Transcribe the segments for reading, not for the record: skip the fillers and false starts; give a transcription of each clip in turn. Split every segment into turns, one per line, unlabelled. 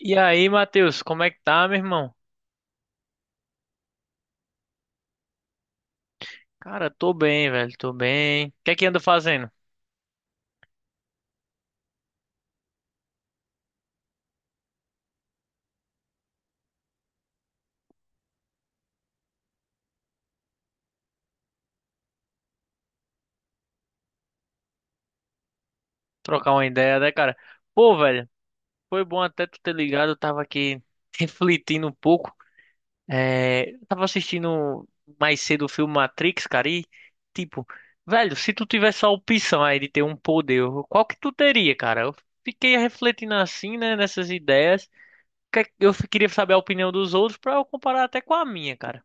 E aí, Matheus, como é que tá, meu irmão? Cara, tô bem, velho, tô bem. O que é que anda fazendo? Trocar uma ideia, né, cara? Pô, velho, foi bom até tu ter ligado, eu tava aqui refletindo um pouco. Eu tava assistindo mais cedo o filme Matrix, cara, e tipo, velho, se tu tivesse a opção aí de ter um poder, qual que tu teria, cara? Eu fiquei refletindo assim, né, nessas ideias. Eu queria saber a opinião dos outros pra eu comparar até com a minha, cara.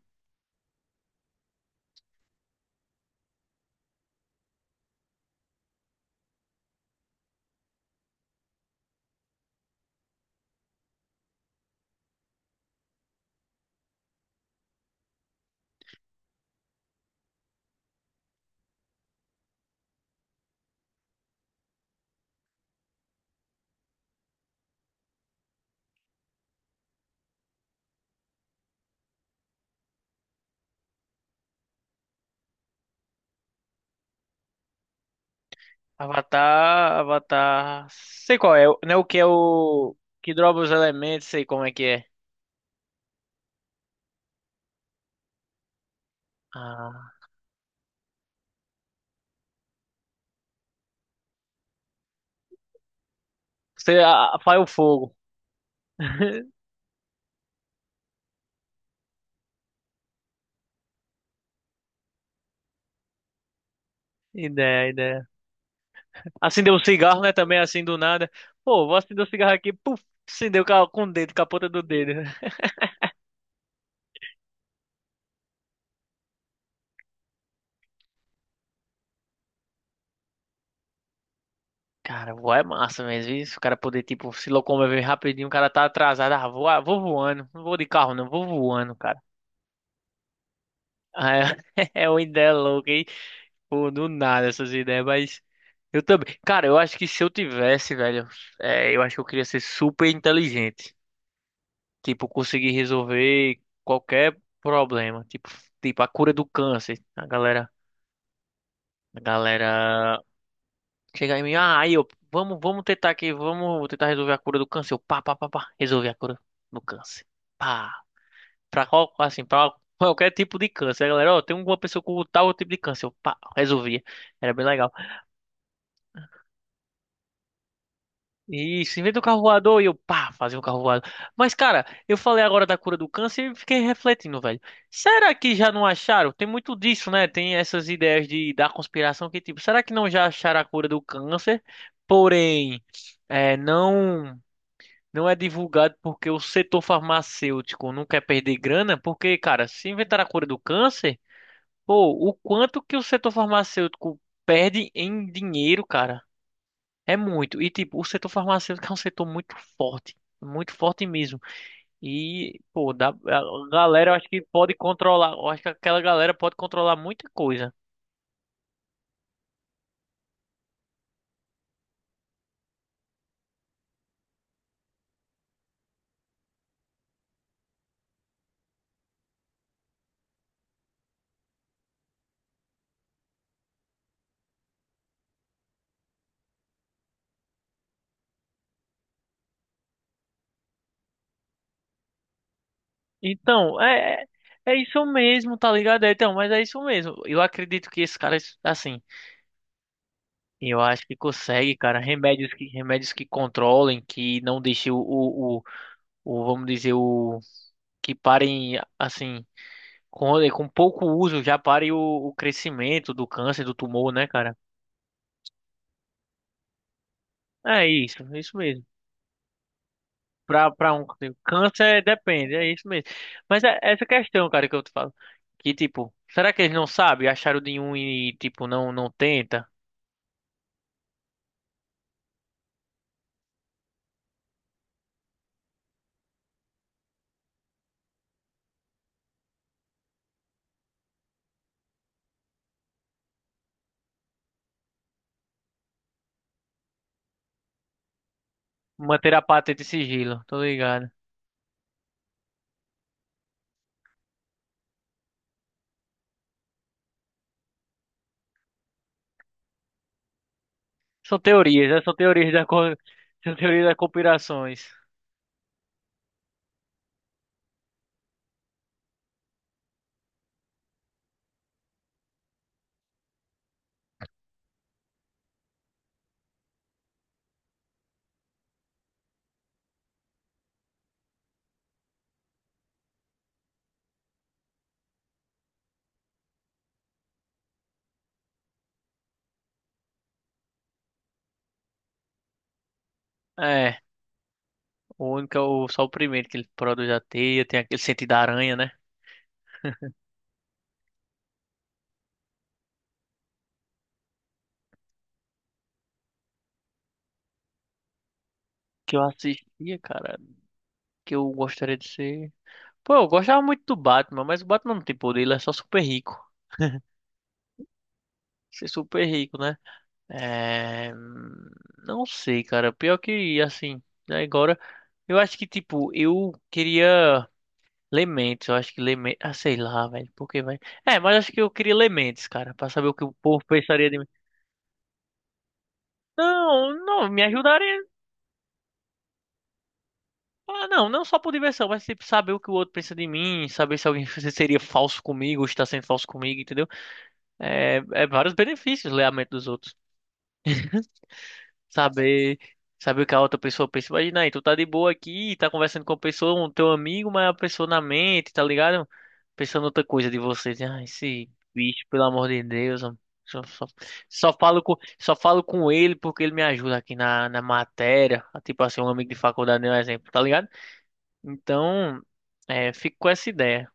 Avatar, Avatar. Sei qual é, né? O que é o. Que dropa os elementos, sei como é que é. Ah, você apaga o fogo. Ideia, ideia. Acendeu um cigarro, né? Também assim do nada. Pô, vou acender o cigarro aqui, puf, acendeu com o dedo, com a ponta do dedo. Cara, voar é massa mesmo, isso. O cara poder, tipo, se locomover rapidinho, o cara tá atrasado. Ah, vou voando. Não vou de carro, não, vou voando, cara. Ah, é, é uma ideia louca. Pô, do nada essas ideias, mas eu também. Cara, eu acho que se eu tivesse, velho, eu acho que eu queria ser super inteligente. Tipo, conseguir resolver qualquer problema. Tipo a cura do câncer. A galera chega em mim, ah, aí eu, vamos tentar aqui, vamos tentar resolver a cura do câncer. Eu, pá, pá, pá, pá, resolver a cura do câncer. Pá, pra qual, assim, pra qualquer tipo de câncer. A galera, ó, tem uma pessoa com tal tipo de câncer. Eu, pá, resolvia. Era bem legal. Isso, inventa o carro voador e eu, pá, fazia um carro voador. Mas, cara, eu falei agora da cura do câncer e fiquei refletindo, velho. Será que já não acharam? Tem muito disso, né? Tem essas ideias de, da conspiração que, tipo, será que não já acharam a cura do câncer? Porém, não, não é divulgado porque o setor farmacêutico não quer perder grana. Porque, cara, se inventar a cura do câncer, pô, o quanto que o setor farmacêutico perde em dinheiro, cara? É muito. E, tipo, o setor farmacêutico é um setor muito forte. Muito forte mesmo. E, pô, dá, a galera, eu acho que pode controlar. Eu acho que aquela galera pode controlar muita coisa. Então, é isso mesmo, tá ligado? É, então, mas é isso mesmo. Eu acredito que esses caras, assim, eu acho que consegue, cara, remédios que controlem, que não deixem o, vamos dizer, o, que parem, assim, com pouco uso, já pare o crescimento do câncer, do tumor, né, cara? É isso mesmo. Pra um câncer depende, é isso mesmo. Mas é essa questão, cara, que eu te falo. Que tipo, será que eles não sabem? Acharam de um e, tipo, não, não tenta? Manter a patente e sigilo, tô ligado. São teorias, né? São teorias das conspirações. É, o único, é o, só o primeiro que ele produz a teia, tem aquele sentido da aranha, né? Que eu assistia, cara, que eu gostaria de ser. Pô, eu gostava muito do Batman, mas o Batman não tem poder, ele é só super rico. Ser super rico, né? É... Não sei, cara. Pior que, assim, né, agora. Eu acho que, tipo, eu queria Lementes. Eu acho que Lementes. Ah, sei lá, velho. Por que, vai? É, mas acho que eu queria Lementes, cara. Pra saber o que o povo pensaria de mim. Não, não, me ajudaria. Ah, não, não só por diversão, mas, tipo, saber o que o outro pensa de mim. Saber se alguém seria falso comigo ou está sendo falso comigo, entendeu? É, é vários benefícios ler a mente dos outros. saber saber o que a outra pessoa pensa. Imagina aí, tu tá de boa aqui, tá conversando com a pessoa, um teu amigo, mas a pessoa na mente, tá ligado? Pensando outra coisa de você. Diz, ah, esse bicho, pelo amor de Deus, homem, só, só, só falo com ele porque ele me ajuda aqui na, na matéria. Tipo assim, um amigo de faculdade, né, um exemplo, tá ligado? Então, é, fico com essa ideia.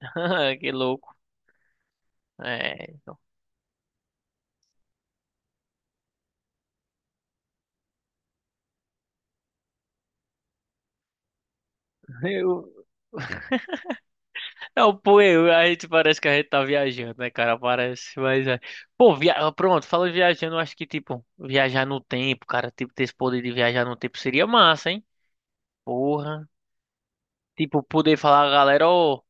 Que louco. É, então, eu, não, pô, a gente parece que a gente tá viajando, né, cara? Parece, mas é. Pô, via... ah, pronto, falando em viajando, eu acho que, tipo, viajar no tempo, cara, tipo, ter esse poder de viajar no tempo seria massa, hein? Porra. Tipo, poder falar, galera, ó,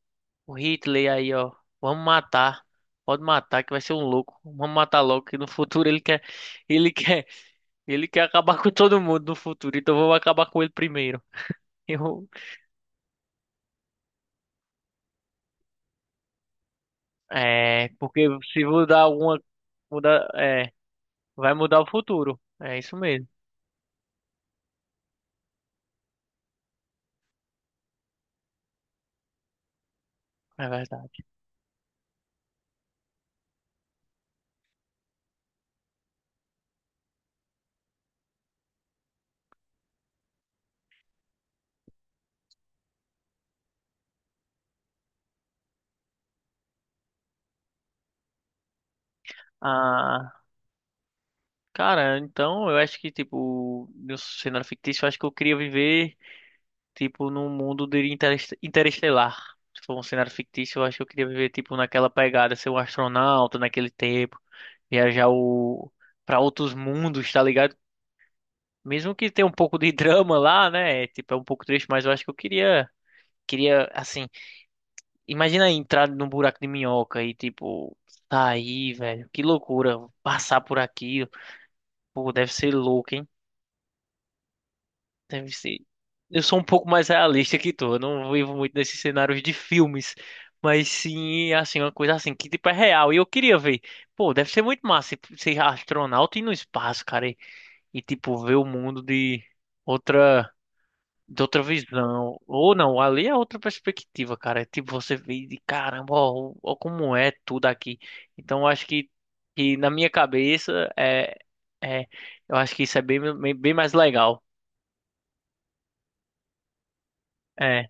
o Hitler aí, ó, vamos matar. Pode matar, que vai ser um louco. Vamos matar logo, que no futuro ele quer, ele quer acabar com todo mundo no futuro, então vamos acabar com ele primeiro. Eu, é, porque se mudar alguma, mudar, é. Vai mudar o futuro. É isso mesmo. É verdade. Ah, cara, então eu acho que, tipo, no cenário fictício, eu acho que eu queria viver, tipo, num mundo de interestelar. Se for um cenário fictício, eu acho que eu queria viver, tipo, naquela pegada, ser um astronauta naquele tempo, viajar o... pra outros mundos, tá ligado? Mesmo que tenha um pouco de drama lá, né? Tipo, é um pouco triste, mas eu acho que eu queria, queria, assim. Imagina aí entrar num buraco de minhoca e, tipo, sair, velho. Que loucura. Passar por aqui. Pô, deve ser louco, hein? Deve ser. Eu sou um pouco mais realista que tu. Eu não vivo muito nesses cenários de filmes. Mas sim, assim, uma coisa assim, que tipo é real. E eu queria ver. Pô, deve ser muito massa ser astronauta e ir no espaço, cara. E, tipo, ver o mundo de outra. De outra visão. Ou não, ali é outra perspectiva, cara. É tipo, você vê de caramba, ó, ó como é tudo aqui. Então, eu acho que na minha cabeça, é, eu acho que isso é bem, bem, bem mais legal. É.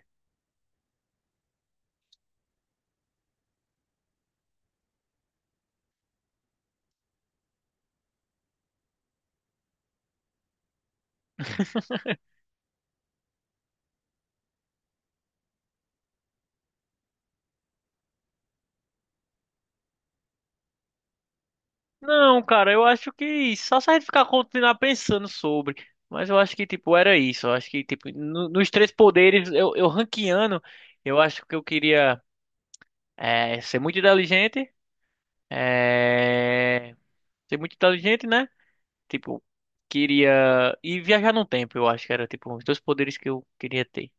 Não, cara, eu acho que só se a gente ficar continuar pensando sobre. Mas eu acho que, tipo, era isso. Eu acho que, tipo, nos 3 poderes, eu ranqueando, eu acho que eu queria ser muito inteligente. É, ser muito inteligente, né? Tipo, queria e viajar no tempo, eu acho que era tipo os 2 poderes que eu queria ter.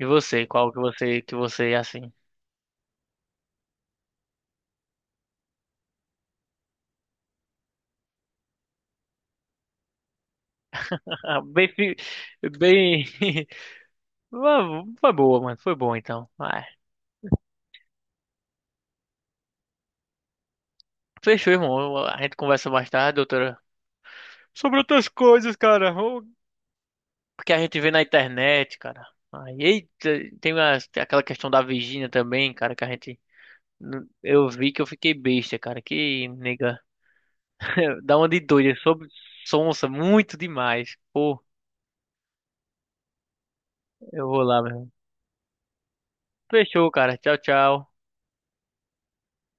E você, qual que você é assim? Bem, bem, foi boa, mano, foi bom então. Ah, fechou, irmão. A gente conversa mais tarde, doutora, sobre outras coisas, cara. O que a gente vê na internet, cara. Aí, eita, tem aquela questão da Virgínia também, cara, que a gente eu vi que eu fiquei besta, cara. Que nega dá uma de doida, sob sonsa, muito demais. Pô, eu vou lá, meu irmão. Fechou, cara. Tchau, tchau.